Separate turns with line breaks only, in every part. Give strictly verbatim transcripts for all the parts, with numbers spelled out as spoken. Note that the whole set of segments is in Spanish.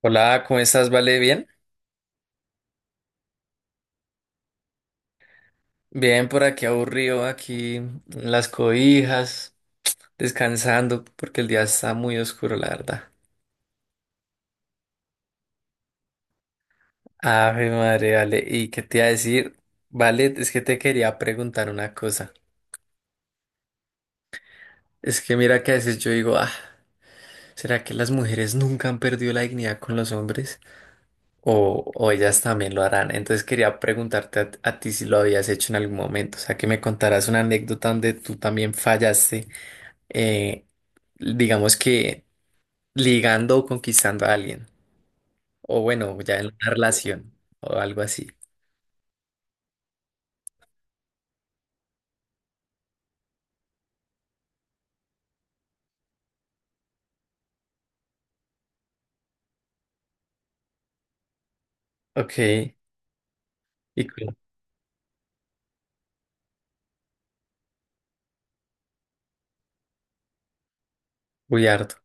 Hola, ¿cómo estás? ¿Vale? ¿Bien? Bien, por aquí aburrido, aquí en las cobijas, descansando, porque el día está muy oscuro, la verdad. Ave madre, vale. ¿Y qué te iba a decir? Vale, es que te quería preguntar una cosa. Es que mira que a veces yo digo, ah, ¿será que las mujeres nunca han perdido la dignidad con los hombres? O, o ellas también lo harán. Entonces quería preguntarte a, a ti si lo habías hecho en algún momento. O sea, que me contaras una anécdota donde tú también fallaste. eh, digamos que ligando o conquistando a alguien. O bueno, ya en una relación o algo así. Ok, y cu- uy, harto.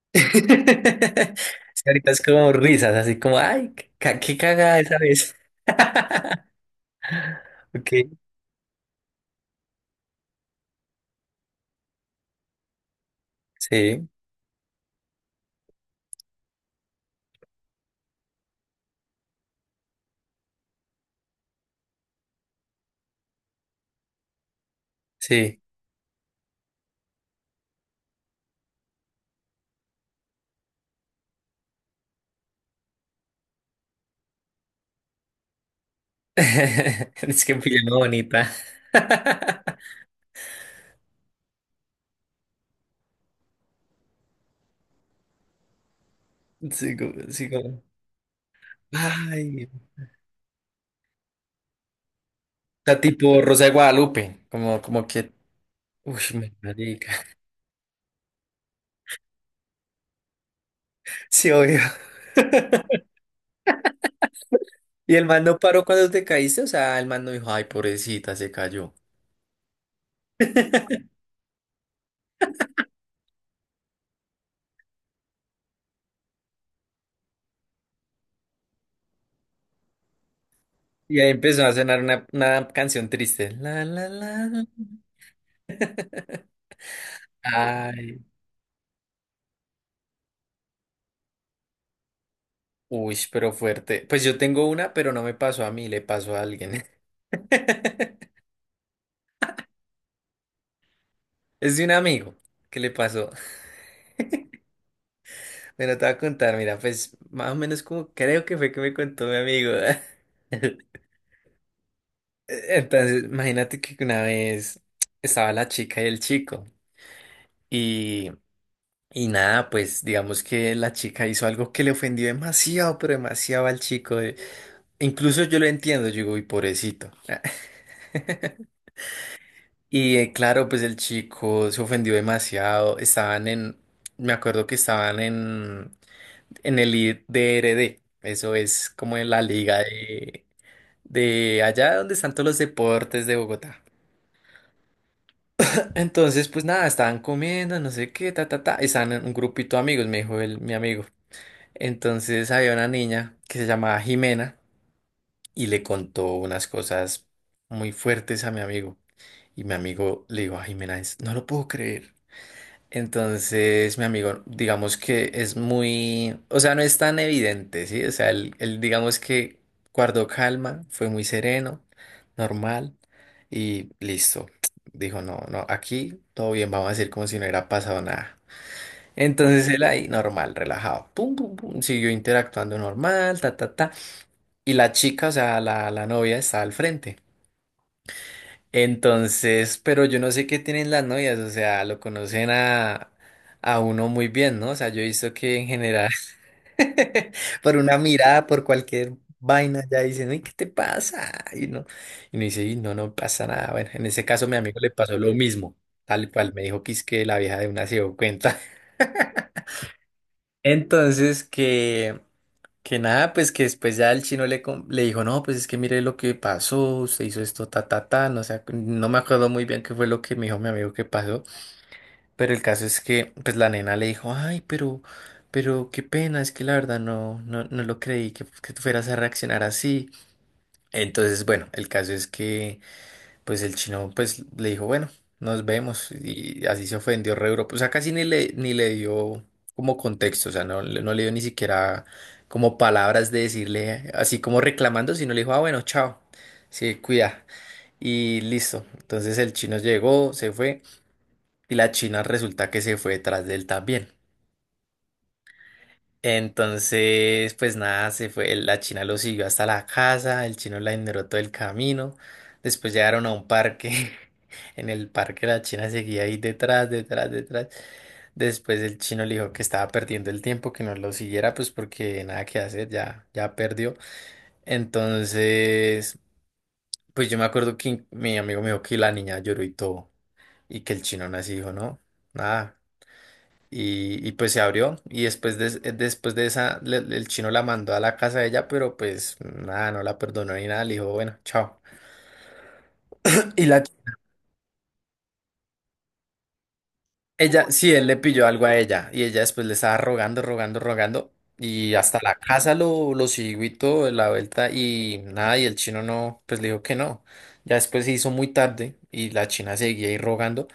Sí, ahorita es como risas, así como, ay, qué, ca- qué cagada esa vez. Ok, sí, sí. Es que pijama bonita. Sí, como, sí, como, ay. O sea, tipo Rosa de Guadalupe, como, como que, uy, me marica. Sí, obvio. Y el man no paró cuando te caíste, o sea, el man no dijo, ay, pobrecita, se cayó. Y ahí empezó a sonar una, una canción triste. La, la, la, la. Ay, uy, pero fuerte. Pues yo tengo una, pero no me pasó a mí, le pasó a alguien. Es de un amigo que le pasó. Bueno, te voy a contar, mira, pues más o menos como creo que fue que me contó mi amigo. Entonces, imagínate que una vez estaba la chica y el chico. y Y nada, pues digamos que la chica hizo algo que le ofendió demasiado, pero demasiado al chico. eh. Incluso yo lo entiendo, yo digo, uy, pobrecito. Y eh, claro, pues el chico se ofendió demasiado. Estaban en, me acuerdo que estaban en, en el I- D R D. Eso es como en la liga de, de allá donde están todos los deportes de Bogotá. Entonces, pues nada, estaban comiendo, no sé qué, ta, ta, ta. Estaban en un grupito de amigos, me dijo el, mi amigo. Entonces había una niña que se llamaba Jimena y le contó unas cosas muy fuertes a mi amigo. Y mi amigo le dijo a Jimena, "Es- no lo puedo creer". Entonces mi amigo, digamos que es muy, o sea, no es tan evidente, ¿sí? O sea, él, él, digamos que guardó calma, fue muy sereno, normal y listo. Dijo, no, no, aquí todo bien, vamos a decir como si no hubiera pasado nada. Entonces él ahí, normal, relajado, pum, pum, pum, siguió interactuando normal, ta, ta, ta. Y la chica, o sea, la, la novia estaba al frente. Entonces, pero yo no sé qué tienen las novias, o sea, lo conocen a, a uno muy bien, ¿no? O sea, yo he visto que en general, por una mirada, por cualquier vaina, ya dicen, uy, ¿qué te pasa? Y no, y no dice, "Y no, no pasa nada". Bueno, en ese caso, mi amigo le pasó lo mismo, tal cual, me dijo que es que la vieja de una se dio cuenta. Entonces, que. Que nada, pues que después ya el chino le, com- le dijo, no, pues es que mire lo que pasó, usted hizo esto, ta, ta, ta, no sé, no me acuerdo muy bien qué fue lo que me dijo mi amigo que pasó, pero el caso es que, pues la nena le dijo, ay, pero, pero qué pena, es que la verdad no, no, no lo creí que, que tú fueras a reaccionar así. Entonces, bueno, el caso es que... pues el chino pues le dijo, bueno, nos vemos y así se ofendió re duro. O sea, casi ni le, ni le dio como contexto, o sea, no, le- no le dio ni siquiera como palabras de decirle, así como reclamando, sino le dijo, ah, bueno, chao, sí, cuida y listo. Entonces el chino llegó, se fue y la china resulta que se fue detrás de él también. Entonces, pues nada, se fue, la china lo siguió hasta la casa, el chino la ignoró todo el camino, después llegaron a un parque. En el parque la china seguía ahí detrás, detrás, detrás, después el chino le dijo que estaba perdiendo el tiempo, que no lo siguiera, pues porque nada que hacer, ya, ya perdió. Entonces, pues yo me acuerdo que mi amigo me dijo que la niña lloró y todo, y que el chino aún así dijo, no, nada. Y, y pues se abrió y después de, después de esa le- el chino la mandó a la casa de ella, pero pues nada, no la perdonó ni nada, le dijo, bueno, chao. Y la ella, sí, él le pilló algo a ella y ella después le estaba rogando, rogando, rogando y hasta la casa lo, lo siguió y todo de la vuelta y nada, y el chino no, pues le dijo que no. Ya después se hizo muy tarde y la china seguía ahí rogando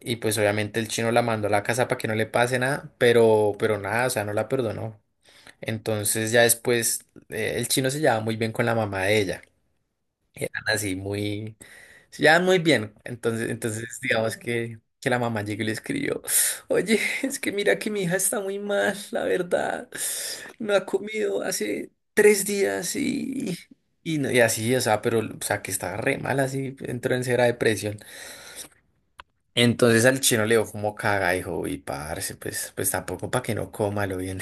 y pues obviamente el chino la mandó a la casa para que no le pase nada, pero, pero nada, o sea, no la perdonó. Entonces ya después eh, el chino se llevaba muy bien con la mamá de ella. Eran así muy, se llevaban muy bien. Entonces, entonces digamos que, que la mamá llegó y le escribió, oye, es que mira que mi hija está muy mal, la verdad. No ha comido hace tres días y, y, no- y así, o sea, pero o sea que estaba re mal así, entró en cera depresión. Entonces al chino le dio como caga, dijo, y parce, pues, pues tampoco para que no coma lo bien.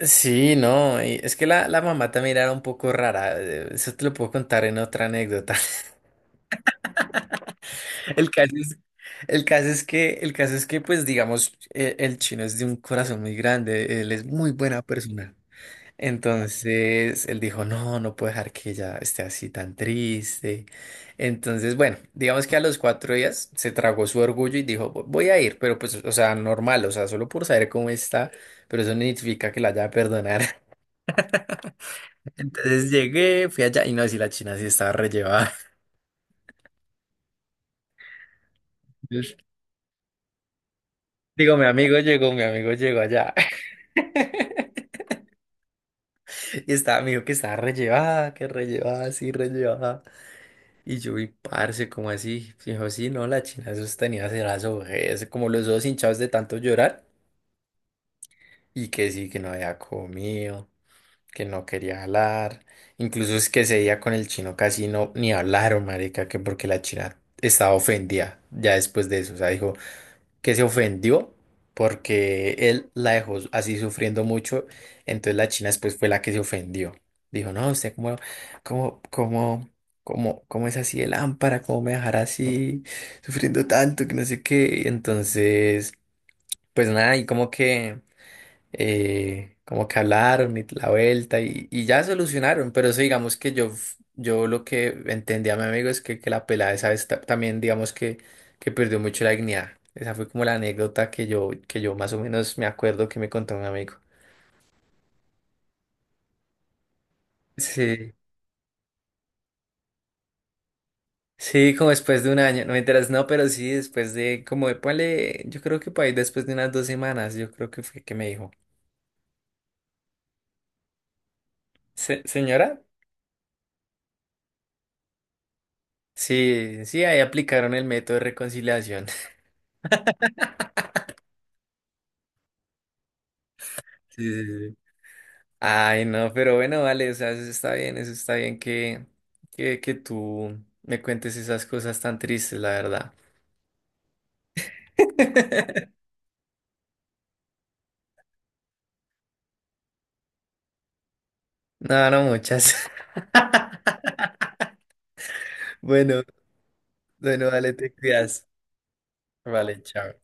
Sí, no, y es que la, la mamá también era un poco rara, eh, eso te lo puedo contar en otra anécdota. El caso es, el caso es que, el caso es que, pues, digamos, eh, el chino es de un corazón muy grande, él es muy buena persona. Entonces, él dijo, no, no puedo dejar que ella esté así tan triste. Entonces, bueno, digamos que a los cuatro días se tragó su orgullo y dijo, "Vo- voy a ir, pero pues, o sea, normal, o sea, solo por saber cómo está, pero eso no significa que la haya a perdonar". Entonces llegué, fui allá y no, si la China sí estaba rellevada. Entonces, digo, mi amigo llegó, mi amigo llegó allá. Y estaba, me dijo que estaba rellevada, que rellevada, sí, rellevada. Y yo vi, parce, como así. Y dijo, sí, no, la China esos tenía así las ojeras, como los ojos hinchados de tanto llorar. Y que sí, que no había comido, que no quería hablar. Incluso es que ese día con el chino casi no ni hablaron, marica, que porque la China estaba ofendida ya después de eso. O sea, dijo, que se ofendió porque él la dejó así sufriendo mucho. Entonces la china después fue la que se ofendió. Dijo, no, usted cómo, cómo, cómo, cómo, cómo es así de lámpara, cómo me dejará así sufriendo tanto, que no sé qué. Entonces, pues nada, y como que eh, como que hablaron y la vuelta y, y ya solucionaron, pero eso digamos que yo, f- yo lo que entendí a mi amigo es que, que la pelada esa vez ta- también digamos que, que perdió mucho la dignidad. Esa fue como la anécdota que yo, que yo más o menos me acuerdo que me contó un amigo. Sí, sí, como después de un año, no me enteras, no, pero sí, después de, como, de, ponle, yo creo que por ahí después de unas dos semanas, yo creo que fue que me dijo. "Se- señora? Sí, sí, ahí aplicaron el método de reconciliación. Sí, sí, ay, no, pero bueno, vale, o sea, eso está bien, eso está bien que, que, que tú me cuentes esas cosas tan tristes, la verdad. No, no muchas. Bueno, bueno, vale, te cuidas. Vale, chao.